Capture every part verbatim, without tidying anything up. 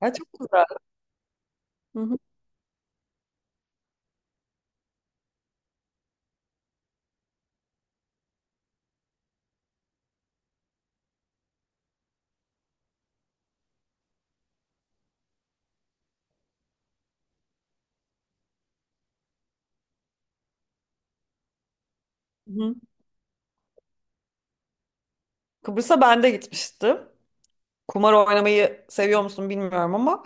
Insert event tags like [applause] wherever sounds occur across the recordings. Ha, çok güzel. Hı hı, hı. Hı. Kıbrıs'a ben de gitmiştim. Kumar oynamayı seviyor musun bilmiyorum ama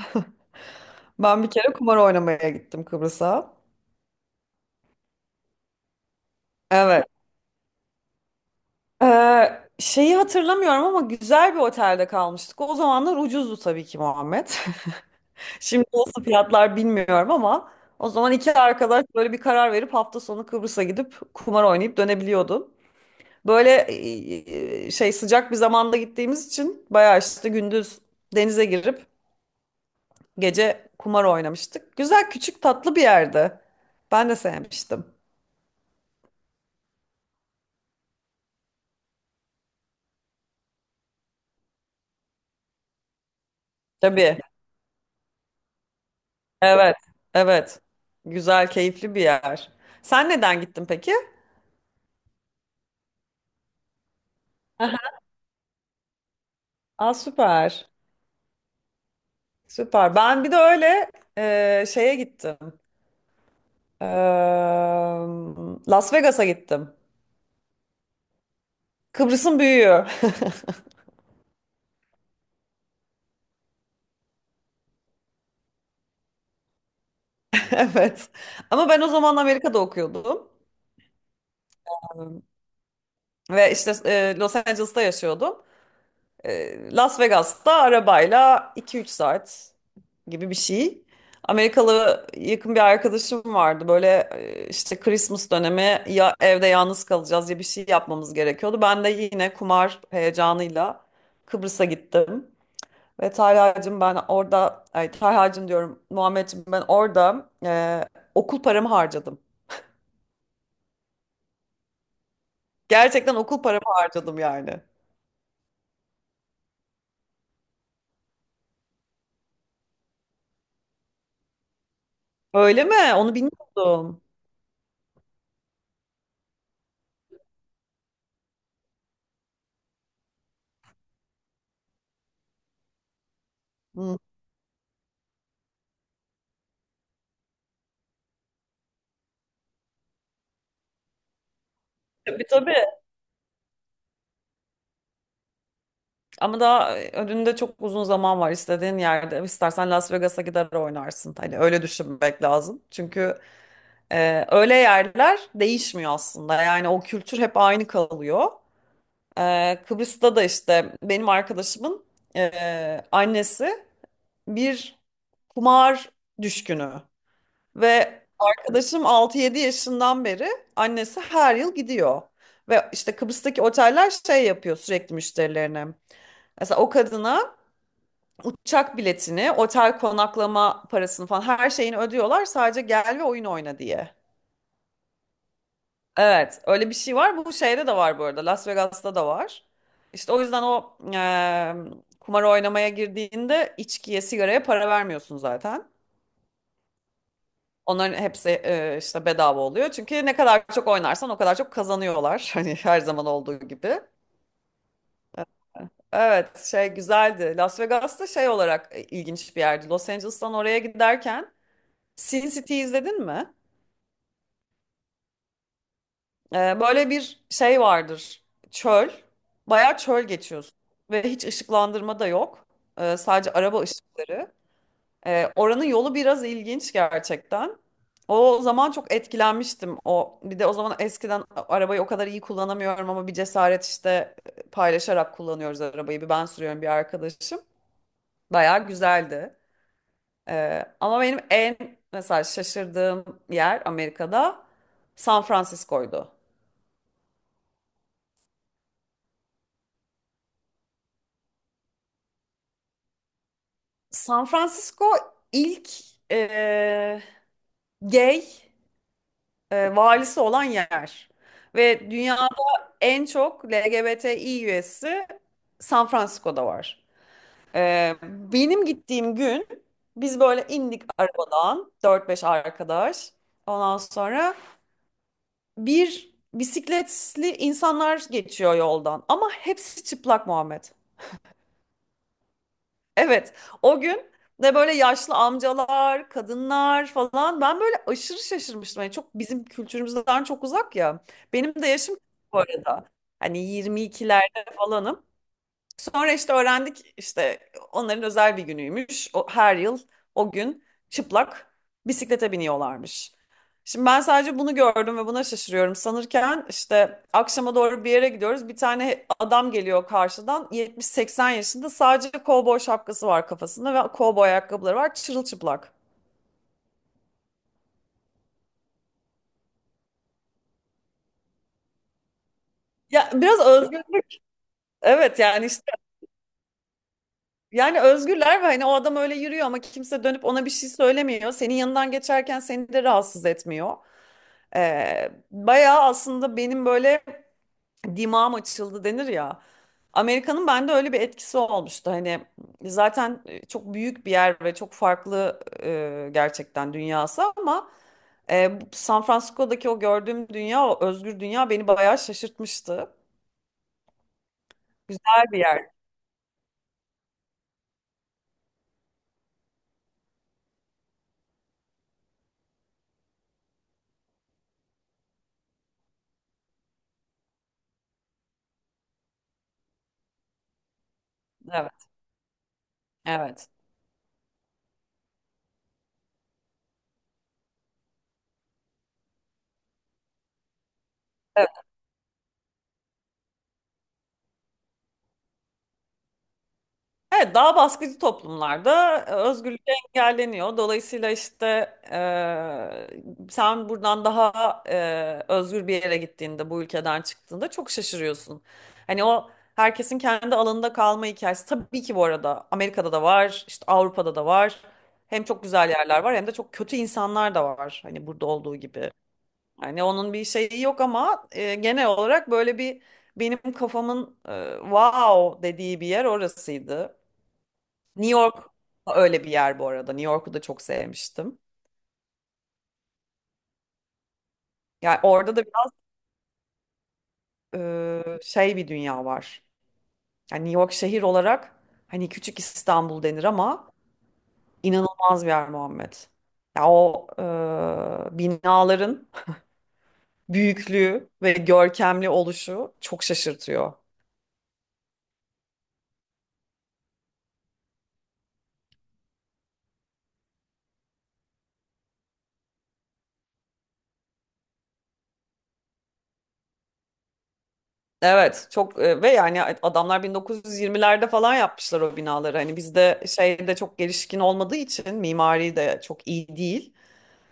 [laughs] ben bir kere kumar oynamaya gittim Kıbrıs'a. Evet. Ee, şeyi hatırlamıyorum ama güzel bir otelde kalmıştık. O zamanlar ucuzdu tabii ki Muhammed. [laughs] Şimdi nasıl fiyatlar bilmiyorum ama o zaman iki arkadaş böyle bir karar verip hafta sonu Kıbrıs'a gidip kumar oynayıp dönebiliyordun. Böyle e, e, şey sıcak bir zamanda gittiğimiz için bayağı işte gündüz denize girip gece kumar oynamıştık. Güzel küçük tatlı bir yerdi. Ben de sevmiştim. Tabii. Evet. Evet. Güzel, keyifli bir yer. Sen neden gittin peki? Aha. Aa, süper. Süper. Ben bir de öyle e, şeye gittim. Eee, Las Vegas'a gittim. Kıbrıs'ın büyüğü. [laughs] Evet. Ama ben o zaman Amerika'da okuyordum. Ve işte e, Los Angeles'ta yaşıyordum. E, Las Vegas'ta arabayla iki üç saat gibi bir şey. Amerikalı yakın bir arkadaşım vardı. Böyle e, işte Christmas dönemi ya evde yalnız kalacağız ya bir şey yapmamız gerekiyordu. Ben de yine kumar heyecanıyla Kıbrıs'a gittim. Ve Talha'cığım ben orada, ay Talha'cığım diyorum Muhammed'cim ben orada e, okul paramı harcadım. Gerçekten okul paramı harcadım yani. Öyle mi? Onu bilmiyordum. Hı. Tabii tabii. Ama daha e, önünde çok uzun zaman var istediğin yerde. İstersen Las Vegas'a gider oynarsın. Hani öyle düşünmek lazım. Çünkü e, öyle yerler değişmiyor aslında. Yani o kültür hep aynı kalıyor. E, Kıbrıs'ta da işte benim arkadaşımın e, annesi bir kumar düşkünü. Ve arkadaşım altı yedi yaşından beri annesi her yıl gidiyor. Ve işte Kıbrıs'taki oteller şey yapıyor sürekli müşterilerine. Mesela o kadına uçak biletini, otel konaklama parasını falan her şeyini ödüyorlar sadece gel ve oyun oyna diye. Evet, öyle bir şey var. Bu şeyde de var bu arada. Las Vegas'ta da var. İşte o yüzden o e, kumar oynamaya girdiğinde içkiye, sigaraya para vermiyorsun zaten. Onların hepsi e, işte bedava oluyor. Çünkü ne kadar çok oynarsan o kadar çok kazanıyorlar. [laughs] Hani her zaman olduğu gibi. Evet, şey güzeldi. Las Vegas'ta şey olarak e, ilginç bir yerdi. Los Angeles'tan oraya giderken Sin City izledin mi? Ee, böyle bir şey vardır. Çöl. Bayağı çöl geçiyorsun. Ve hiç ışıklandırma da yok. Ee, sadece araba ışıkları. Ee, oranın yolu biraz ilginç gerçekten. O zaman çok etkilenmiştim. O bir de o zaman eskiden arabayı o kadar iyi kullanamıyorum ama bir cesaret işte e, paylaşarak kullanıyoruz arabayı. Bir ben sürüyorum bir arkadaşım. Bayağı güzeldi. Ee, ama benim en mesela şaşırdığım yer Amerika'da San Francisco'ydu. San Francisco ilk e, gay e, valisi olan yer. Ve dünyada en çok LGBTİ üyesi San Francisco'da var. E, benim gittiğim gün biz böyle indik arabadan dört beş arkadaş. Ondan sonra bir bisikletli insanlar geçiyor yoldan. Ama hepsi çıplak Muhammed. Evet, o gün de böyle yaşlı amcalar, kadınlar falan ben böyle aşırı şaşırmıştım. Yani çok bizim kültürümüzden çok uzak ya. Benim de yaşım bu arada. Hani yirmi ikilerde falanım. Sonra işte öğrendik işte onların özel bir günüymüş. O, her yıl o gün çıplak bisiklete biniyorlarmış. Şimdi ben sadece bunu gördüm ve buna şaşırıyorum. Sanırken işte akşama doğru bir yere gidiyoruz. Bir tane adam geliyor karşıdan yetmiş seksen yaşında sadece kovboy şapkası var kafasında ve kovboy ayakkabıları var çırılçıplak. Ya biraz özgür. Evet yani işte yani özgürler ve hani o adam öyle yürüyor ama kimse dönüp ona bir şey söylemiyor. Senin yanından geçerken seni de rahatsız etmiyor. Ee, bayağı aslında benim böyle dimağım açıldı denir ya. Amerika'nın bende öyle bir etkisi olmuştu. Hani zaten e, çok büyük bir yer ve çok farklı e, gerçekten dünyası ama e, San Francisco'daki o gördüğüm dünya, o özgür dünya beni bayağı şaşırtmıştı. Güzel bir yer. Evet, evet. Evet, daha baskıcı toplumlarda e, özgürlük engelleniyor. Dolayısıyla işte e, sen buradan daha e, özgür bir yere gittiğinde, bu ülkeden çıktığında çok şaşırıyorsun. Hani o herkesin kendi alanında kalma hikayesi. Tabii ki bu arada Amerika'da da var, işte Avrupa'da da var. Hem çok güzel yerler var hem de çok kötü insanlar da var. Hani burada olduğu gibi. Yani onun bir şeyi yok ama e, genel olarak böyle bir benim kafamın e, wow dediği bir yer orasıydı. New York da öyle bir yer bu arada. New York'u da çok sevmiştim. Yani orada da biraz e, şey bir dünya var. Yani New York şehir olarak hani küçük İstanbul denir ama inanılmaz bir yer Muhammed. Ya o e, binaların [laughs] büyüklüğü ve görkemli oluşu çok şaşırtıyor. Evet çok e, ve yani adamlar bin dokuz yüz yirmilerde falan yapmışlar o binaları. Hani bizde şeyde çok gelişkin olmadığı için mimari de çok iyi değil.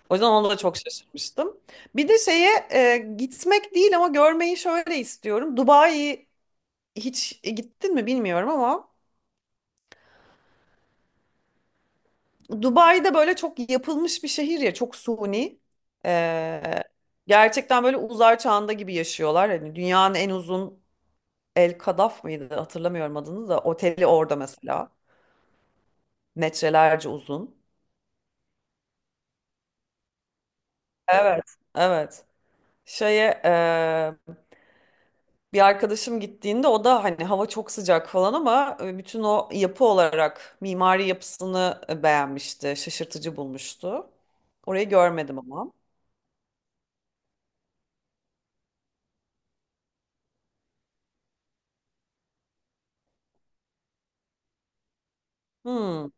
O yüzden ona da çok şaşırmıştım. Bir de şeye e, gitmek değil ama görmeyi şöyle istiyorum. Dubai hiç gittin mi bilmiyorum ama Dubai'de böyle çok yapılmış bir şehir ya çok suni. E, gerçekten böyle uzay çağında gibi yaşıyorlar. Hani dünyanın en uzun El Kadaf mıydı hatırlamıyorum adını da oteli orada mesela. Metrelerce uzun. Evet, evet. Şeye e, bir arkadaşım gittiğinde o da hani hava çok sıcak falan ama e, bütün o yapı olarak mimari yapısını e, beğenmişti, şaşırtıcı bulmuştu. Orayı görmedim ama. Hmm,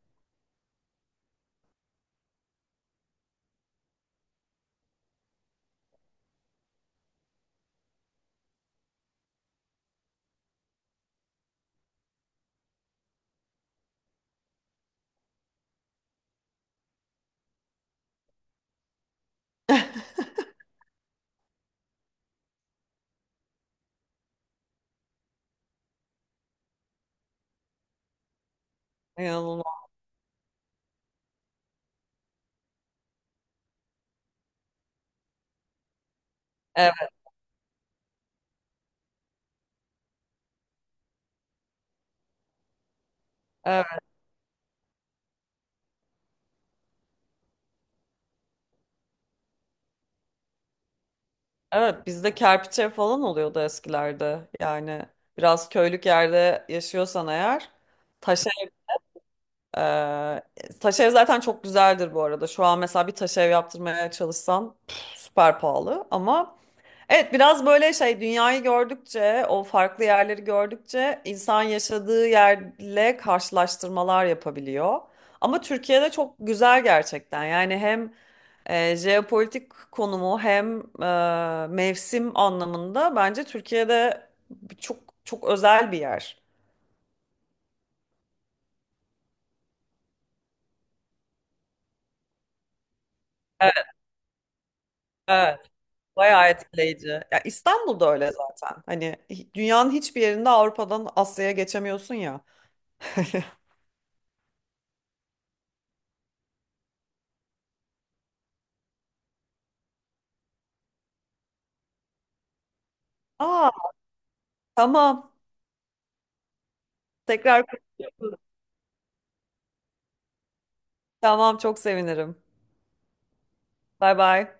[laughs] inanılmaz. Evet, evet, evet. Bizde kerpiçe falan oluyordu eskilerde. Yani biraz köylük yerde yaşıyorsan eğer taş Ee, taş ev zaten çok güzeldir bu arada. Şu an mesela bir taş ev yaptırmaya çalışsan püf, süper pahalı ama evet biraz böyle şey dünyayı gördükçe o farklı yerleri gördükçe insan yaşadığı yerle karşılaştırmalar yapabiliyor. Ama Türkiye'de çok güzel gerçekten. Yani hem e, jeopolitik konumu hem e, mevsim anlamında bence Türkiye'de çok çok özel bir yer. Evet. Bayağı etkileyici. Ya İstanbul'da öyle zaten. Hani hi- dünyanın hiçbir yerinde Avrupa'dan Asya'ya geçemiyorsun ya. [laughs] Aa, tamam. Tekrar konuşuruz. Tamam, çok sevinirim. Bay bay.